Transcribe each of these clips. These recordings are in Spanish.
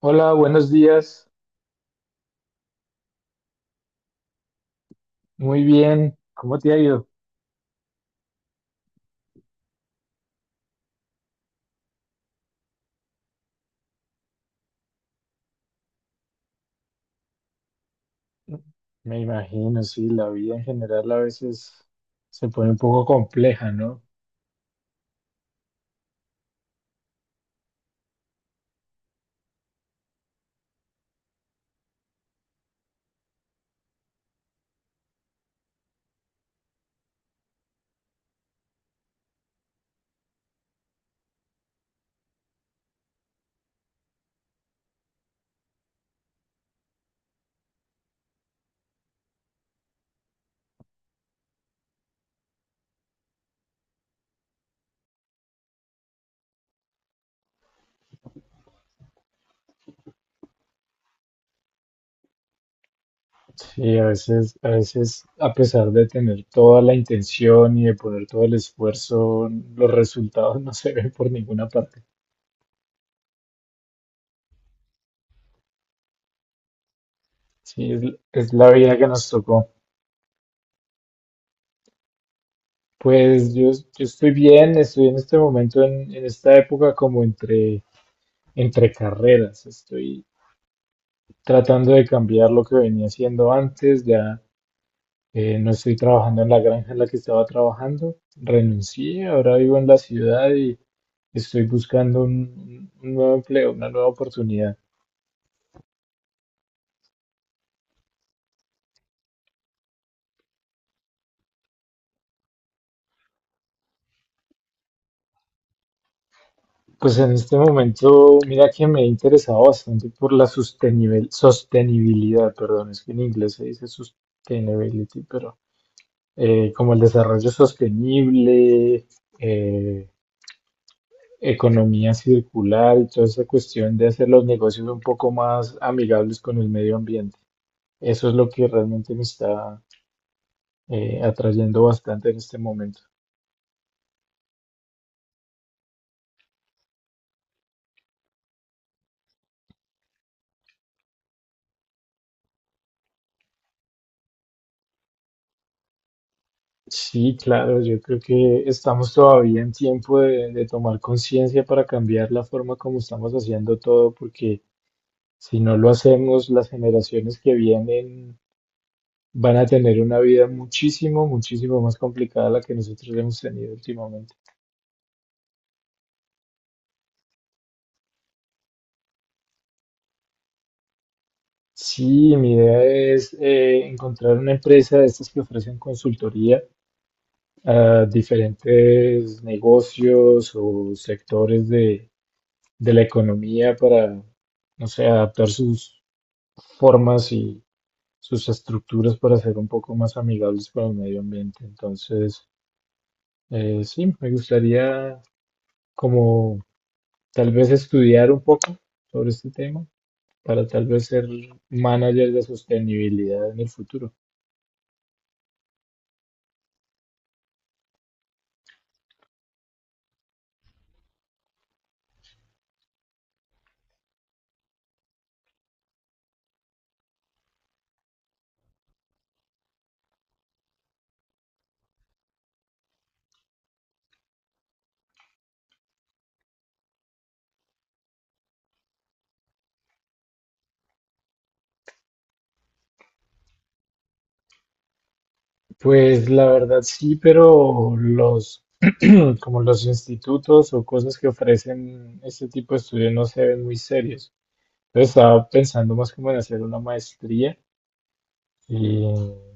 Hola, buenos días. Muy bien. ¿Cómo te ha ido? Me imagino, sí, la vida en general a veces se pone un poco compleja, ¿no? Sí, a veces, a pesar de tener toda la intención y de poner todo el esfuerzo, los resultados no se ven por ninguna parte. Sí, es la vida que nos tocó. Pues yo estoy bien, estoy en este momento, en esta época como entre carreras. Estoy tratando de cambiar lo que venía haciendo antes, ya. No estoy trabajando en la granja en la que estaba trabajando. Renuncié, ahora vivo en la ciudad y estoy buscando un nuevo empleo, una nueva oportunidad. Pues en este momento, mira que me he interesado bastante por la sostenibilidad, perdón, es que en inglés se dice sustainability, pero como el desarrollo sostenible, eh, economía circular y toda esa cuestión de hacer los negocios un poco más amigables con el medio ambiente. Eso es lo que realmente me está atrayendo bastante en este momento. Sí, claro, yo creo que estamos todavía en tiempo de tomar conciencia para cambiar la forma como estamos haciendo todo, porque si no lo hacemos, las generaciones que vienen van a tener una vida muchísimo, muchísimo más complicada a la que nosotros hemos tenido últimamente. Sí, mi idea es encontrar una empresa de estas que ofrecen consultoría a diferentes negocios o sectores de la economía para, no sé, adaptar sus formas y sus estructuras para ser un poco más amigables para el medio ambiente. Entonces, sí, me gustaría como tal vez estudiar un poco sobre este tema para tal vez ser manager de sostenibilidad en el futuro. Pues la verdad sí, pero los como los institutos o cosas que ofrecen este tipo de estudios no se ven muy serios. Entonces estaba pensando más como en hacer una maestría y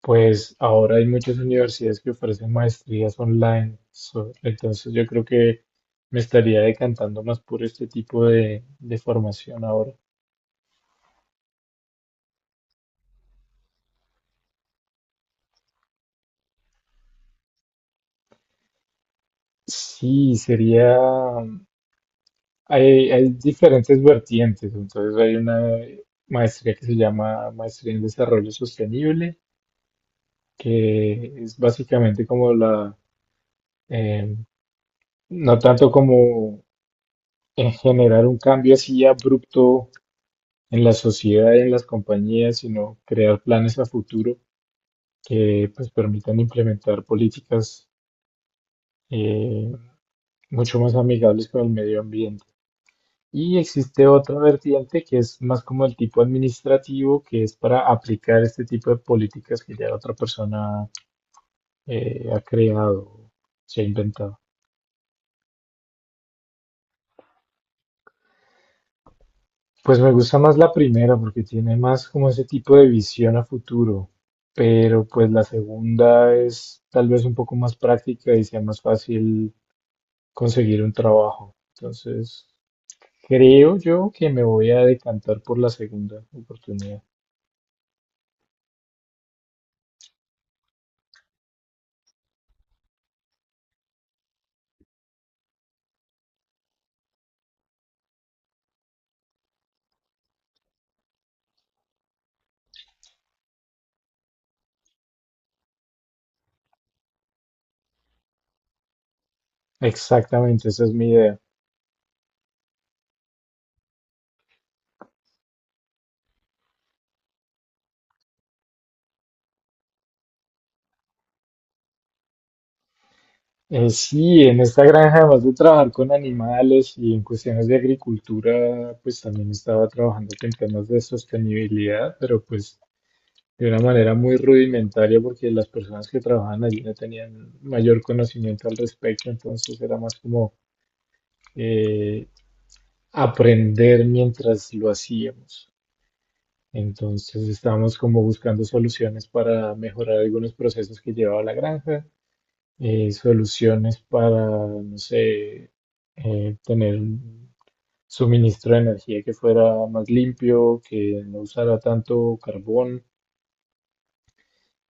pues ahora hay muchas universidades que ofrecen maestrías online. Entonces yo creo que me estaría decantando más por este tipo de formación ahora. Sí, sería. Hay diferentes vertientes, entonces hay una maestría que se llama Maestría en Desarrollo Sostenible, que es básicamente como la, eh, no tanto como en generar un cambio así abrupto en la sociedad y en las compañías, sino crear planes a futuro que pues permitan implementar políticas eh, mucho más amigables con el medio ambiente. Y existe otra vertiente que es más como el tipo administrativo, que es para aplicar este tipo de políticas que ya otra persona ha creado, se ha inventado. Pues me gusta más la primera porque tiene más como ese tipo de visión a futuro, pero pues la segunda es tal vez un poco más práctica y sea más fácil conseguir un trabajo. Entonces, creo yo que me voy a decantar por la segunda oportunidad. Exactamente, esa es mi idea. Sí, en esta granja, además de trabajar con animales y en cuestiones de agricultura, pues también estaba trabajando en temas de sostenibilidad, pero pues de una manera muy rudimentaria porque las personas que trabajaban allí no tenían mayor conocimiento al respecto, entonces era más como eh, aprender mientras lo hacíamos. Entonces estábamos como buscando soluciones para mejorar algunos procesos que llevaba la granja. Soluciones para, no sé, tener un suministro de energía que fuera más limpio, que no usara tanto carbón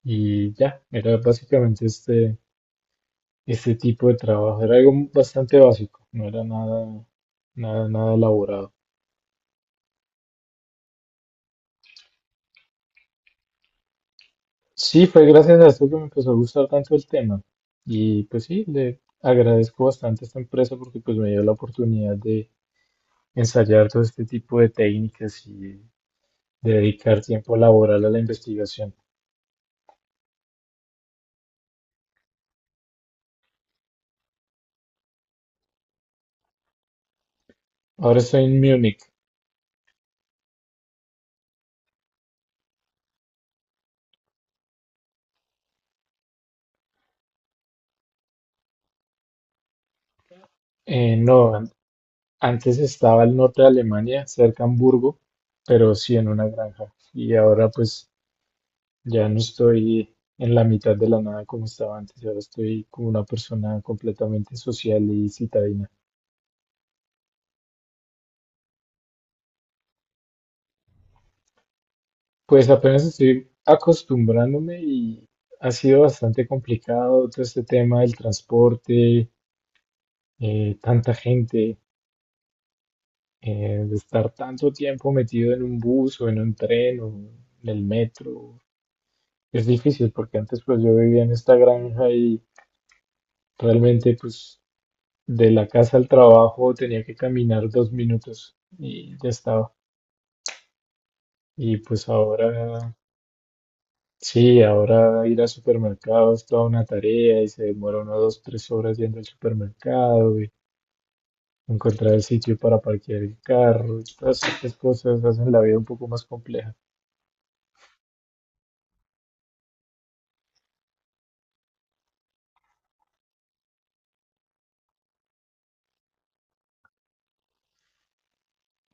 y ya, era básicamente este tipo de trabajo, era algo bastante básico, no era nada, nada, nada elaborado. Sí, fue gracias a esto que me empezó a gustar tanto el tema y pues sí, le agradezco bastante a esta empresa porque pues me dio la oportunidad de ensayar todo este tipo de técnicas y de dedicar tiempo laboral a la investigación. Ahora estoy en Múnich. No, antes estaba al norte de Alemania, cerca de Hamburgo, pero sí en una granja. Y ahora pues ya no estoy en la mitad de la nada como estaba antes. Ahora estoy como una persona completamente social y citadina. Pues apenas estoy acostumbrándome y ha sido bastante complicado todo este tema del transporte, tanta gente. De estar tanto tiempo metido en un bus o en un tren o en el metro. Es difícil porque antes pues yo vivía en esta granja y realmente pues de la casa al trabajo tenía que caminar 2 minutos y ya estaba. Y pues ahora sí, ahora ir al supermercado es toda una tarea y se demora uno 2, 3 horas yendo al supermercado y encontrar el sitio para parquear el carro y todas estas cosas hacen la vida un poco más compleja.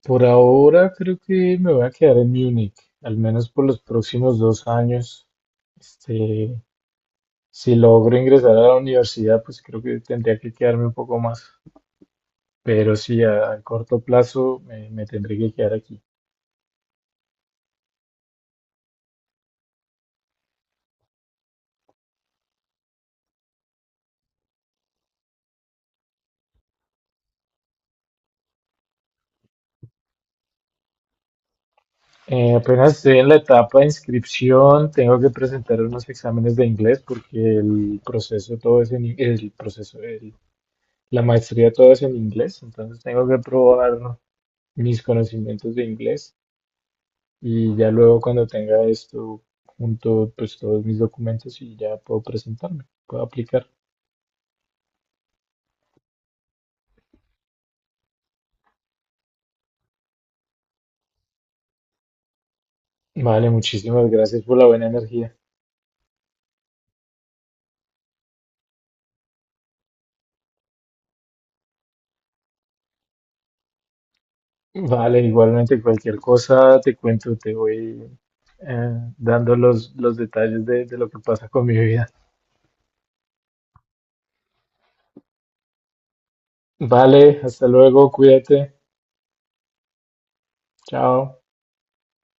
Por ahora creo que me voy a quedar en Múnich, al menos por los próximos 2 años. Este, si logro ingresar a la universidad, pues creo que tendría que quedarme un poco más. Pero sí, a corto plazo me tendré que quedar aquí. Apenas estoy en la etapa de inscripción, tengo que presentar unos exámenes de inglés porque el proceso todo es en, el proceso, la maestría todo es en inglés, entonces tengo que probar mis conocimientos de inglés. Y ya luego cuando tenga esto junto, pues todos mis documentos y ya puedo presentarme, puedo aplicar. Vale, muchísimas gracias por la buena energía. Vale, igualmente cualquier cosa te cuento, te voy dando los detalles de lo que pasa con mi vida. Vale, hasta luego, cuídate, chao.